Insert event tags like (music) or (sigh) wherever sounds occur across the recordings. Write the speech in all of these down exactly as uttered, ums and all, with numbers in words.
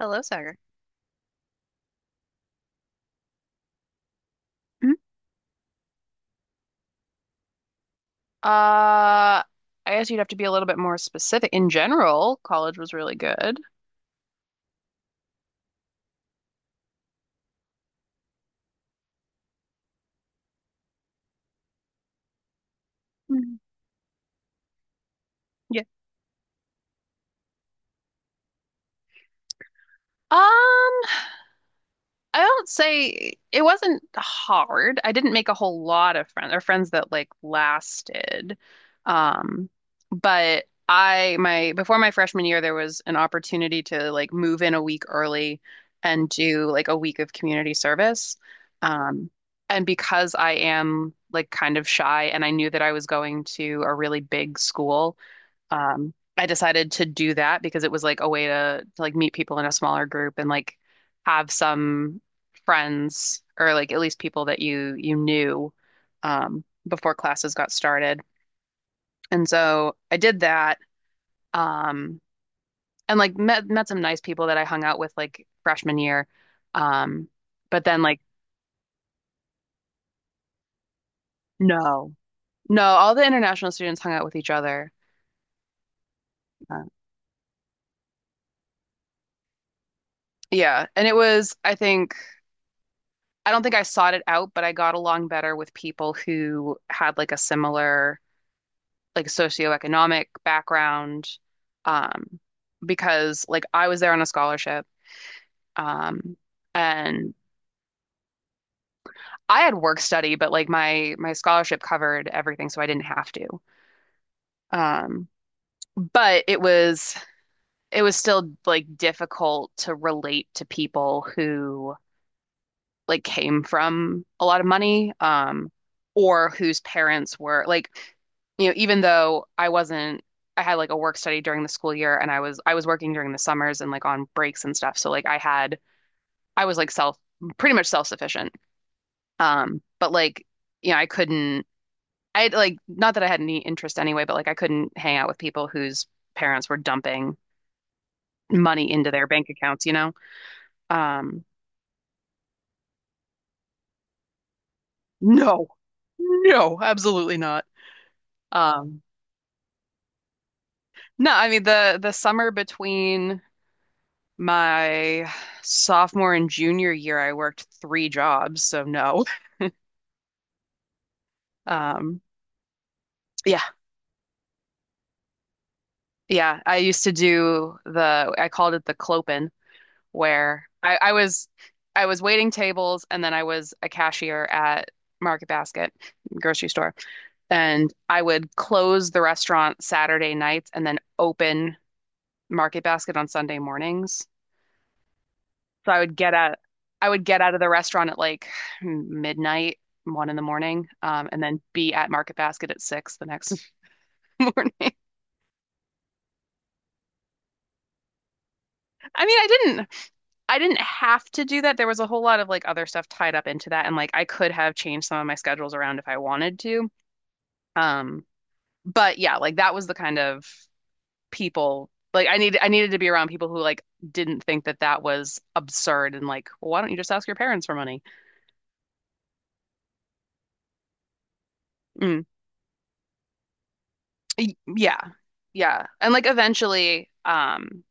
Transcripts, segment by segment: Hello, Sagar. Mhm. Uh, I guess you'd have to be a little bit more specific. In general, college was really good. Mm. Yeah. Um, I don't say it wasn't hard. I didn't make a whole lot of friends or friends that like lasted. Um, but I my before my freshman year there was an opportunity to like move in a week early and do like a week of community service. Um, and because I am like kind of shy and I knew that I was going to a really big school, um, I decided to do that because it was like a way to, to like meet people in a smaller group and like have some friends or like at least people that you you knew, um, before classes got started. And so I did that, um, and like met met some nice people that I hung out with like freshman year. Um, but then like No, no, all the international students hung out with each other. Uh, yeah, and it was I think. I don't think I sought it out, but I got along better with people who had like a similar like socioeconomic background. Um, because like I was there on a scholarship, um, and I had work study, but like my my scholarship covered everything, so I didn't have to. Um, but it was it was still like difficult to relate to people who like came from a lot of money, um, or whose parents were like, you know, even though I wasn't, I had like a work study during the school year and I was I was working during the summers and like on breaks and stuff. So like I had I was like self pretty much self-sufficient. Um, but like, you know, I couldn't I like, not that I had any interest anyway, but like I couldn't hang out with people whose parents were dumping money into their bank accounts, you know? Um, no. No, absolutely not. Um, No, I mean the the summer between my sophomore and junior year, I worked three jobs, so no. Um, yeah, yeah. I used to do the I called it the clopen, where I, I was I was waiting tables and then I was a cashier at Market Basket grocery store, and I would close the restaurant Saturday nights and then open Market Basket on Sunday mornings. So I would get out, I would get out of the restaurant at like midnight, one in the morning, um, and then be at Market Basket at six the next (laughs) morning. I mean, I didn't, I didn't have to do that. There was a whole lot of like other stuff tied up into that, and like I could have changed some of my schedules around if I wanted to. Um, but yeah, like that was the kind of people like I need, I needed to be around people who like didn't think that that was absurd and like, well, why don't you just ask your parents for money? Mm. Y- Yeah. Yeah. And like eventually, um,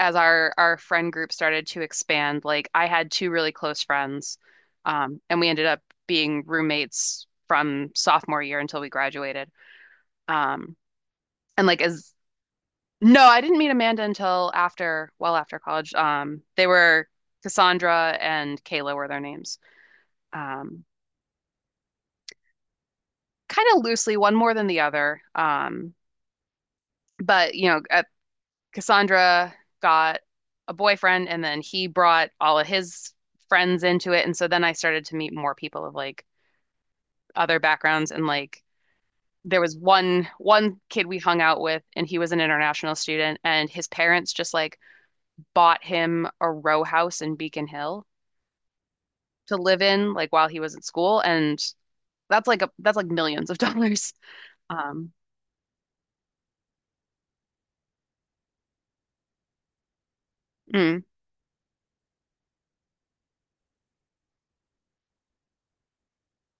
as our our friend group started to expand, like I had two really close friends, um, and we ended up being roommates from sophomore year until we graduated. Um, and like as No, I didn't meet Amanda until after, well after college. Um, they were Cassandra and Kayla were their names. Um, Kind of loosely, one more than the other. Um, but you know, at Cassandra got a boyfriend and then he brought all of his friends into it. And so then I started to meet more people of like other backgrounds, and like there was one one kid we hung out with and he was an international student and his parents just like bought him a row house in Beacon Hill to live in like while he was at school, and that's like a that's like millions of (laughs) dollars. Um mm,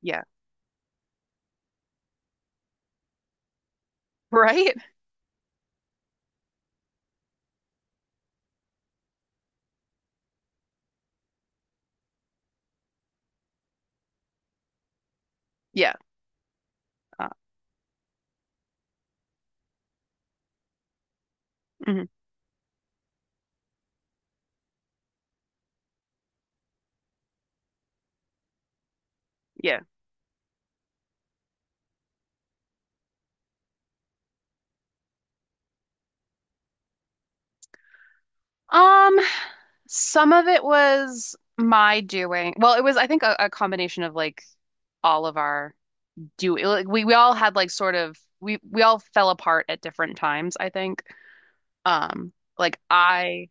yeah. Right? Yeah. Uh, mhm, yeah. Um Some of it was my doing. Well, it was, I think, a, a combination of like all of our do like, we we all had like sort of we we all fell apart at different times, I think. Um, like I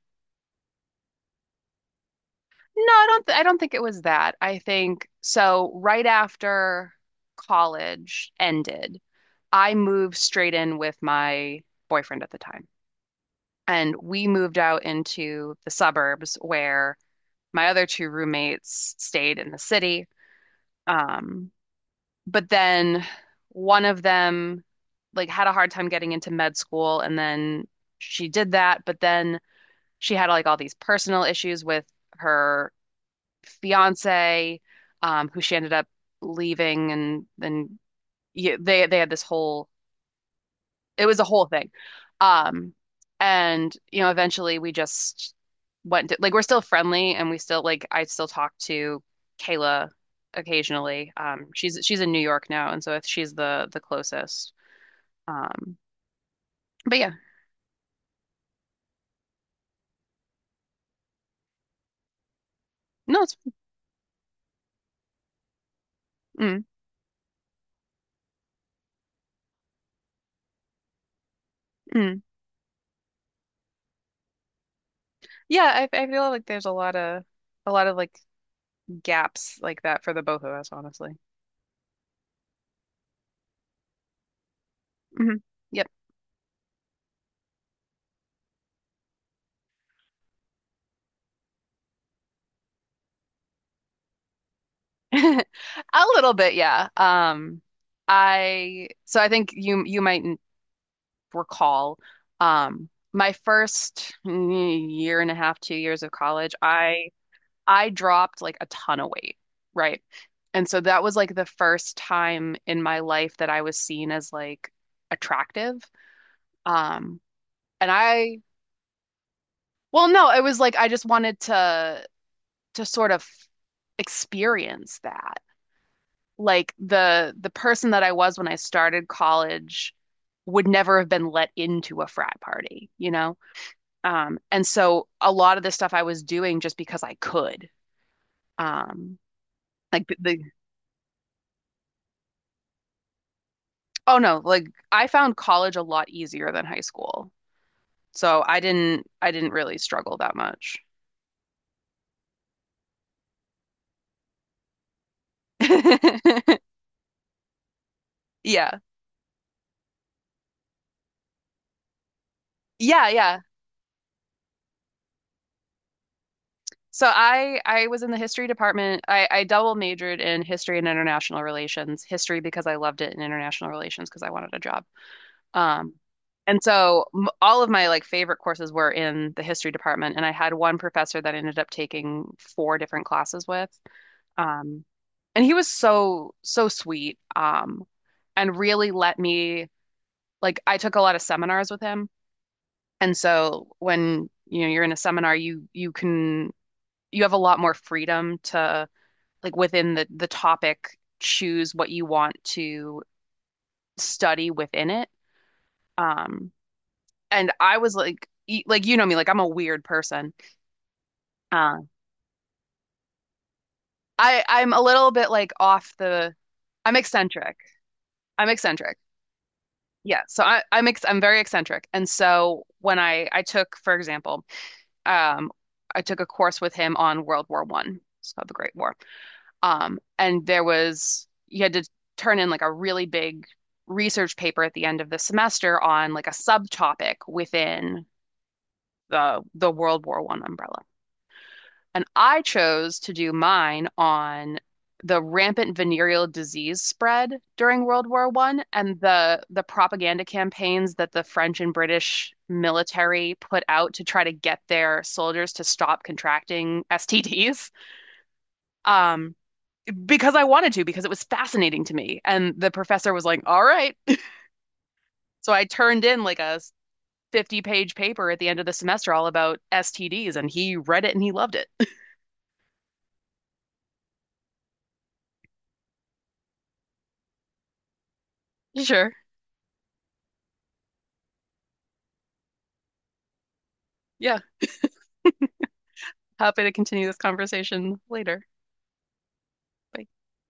No, I don't th I don't think it was that. I think so right after college ended, I moved straight in with my boyfriend at the time. And we moved out into the suburbs where my other two roommates stayed in the city. Um, but then one of them like had a hard time getting into med school, and then she did that, but then she had like all these personal issues with her fiance, um, who she ended up leaving. And then yeah, they they had this whole it was a whole thing. Um, and you know, eventually we just went to, like we're still friendly, and we still like I still talk to Kayla occasionally. Um, she's she's in New York now, and so she's the the closest. Um, but yeah, no, it's mm, mm. Yeah, I I feel like there's a lot of a lot of like gaps like that for the both of us, honestly. Hmm. Yep. (laughs) A little bit, yeah. Um, I So I think you you might recall, um, my first mm, year and a half, two years of college, I I dropped like a ton of weight, right? And so that was like the first time in my life that I was seen as like attractive. Um, and I, well, no, it was like I just wanted to to sort of experience that. Like the the person that I was when I started college would never have been let into a frat party, you know? Um, and so a lot of the stuff I was doing just because I could. Um, like the, the Oh no, like I found college a lot easier than high school. So I didn't I didn't really struggle that much. (laughs) Yeah. Yeah, yeah. So I I was in the history department. I I double majored in history and international relations. History because I loved it and international relations because I wanted a job. Um, and so m- all of my like favorite courses were in the history department, and I had one professor that I ended up taking four different classes with. Um, and he was so, so sweet, um, and really let me like I took a lot of seminars with him, and so when you know you're in a seminar, you you can you have a lot more freedom to like within the the topic choose what you want to study within it. Um, and I was like, y- like you know me, like I'm a weird person. Uh, I I'm a little bit like off the, I'm eccentric. I'm eccentric. Yeah, so I, I'm ex I'm very eccentric, and so when I I took, for example, um, I took a course with him on World War One, so the Great War. Um, and there was You had to turn in like a really big research paper at the end of the semester on like a subtopic within the the World War One umbrella. And I chose to do mine on the rampant venereal disease spread during World War One and the the propaganda campaigns that the French and British military put out to try to get their soldiers to stop contracting S T Ds. Um, because I wanted to, because it was fascinating to me. And the professor was like, "All right." So I turned in like a fifty page paper at the end of the semester all about S T Ds, and he read it and he loved it. (laughs) Sure. Yeah. Happy to continue this conversation later. Bye.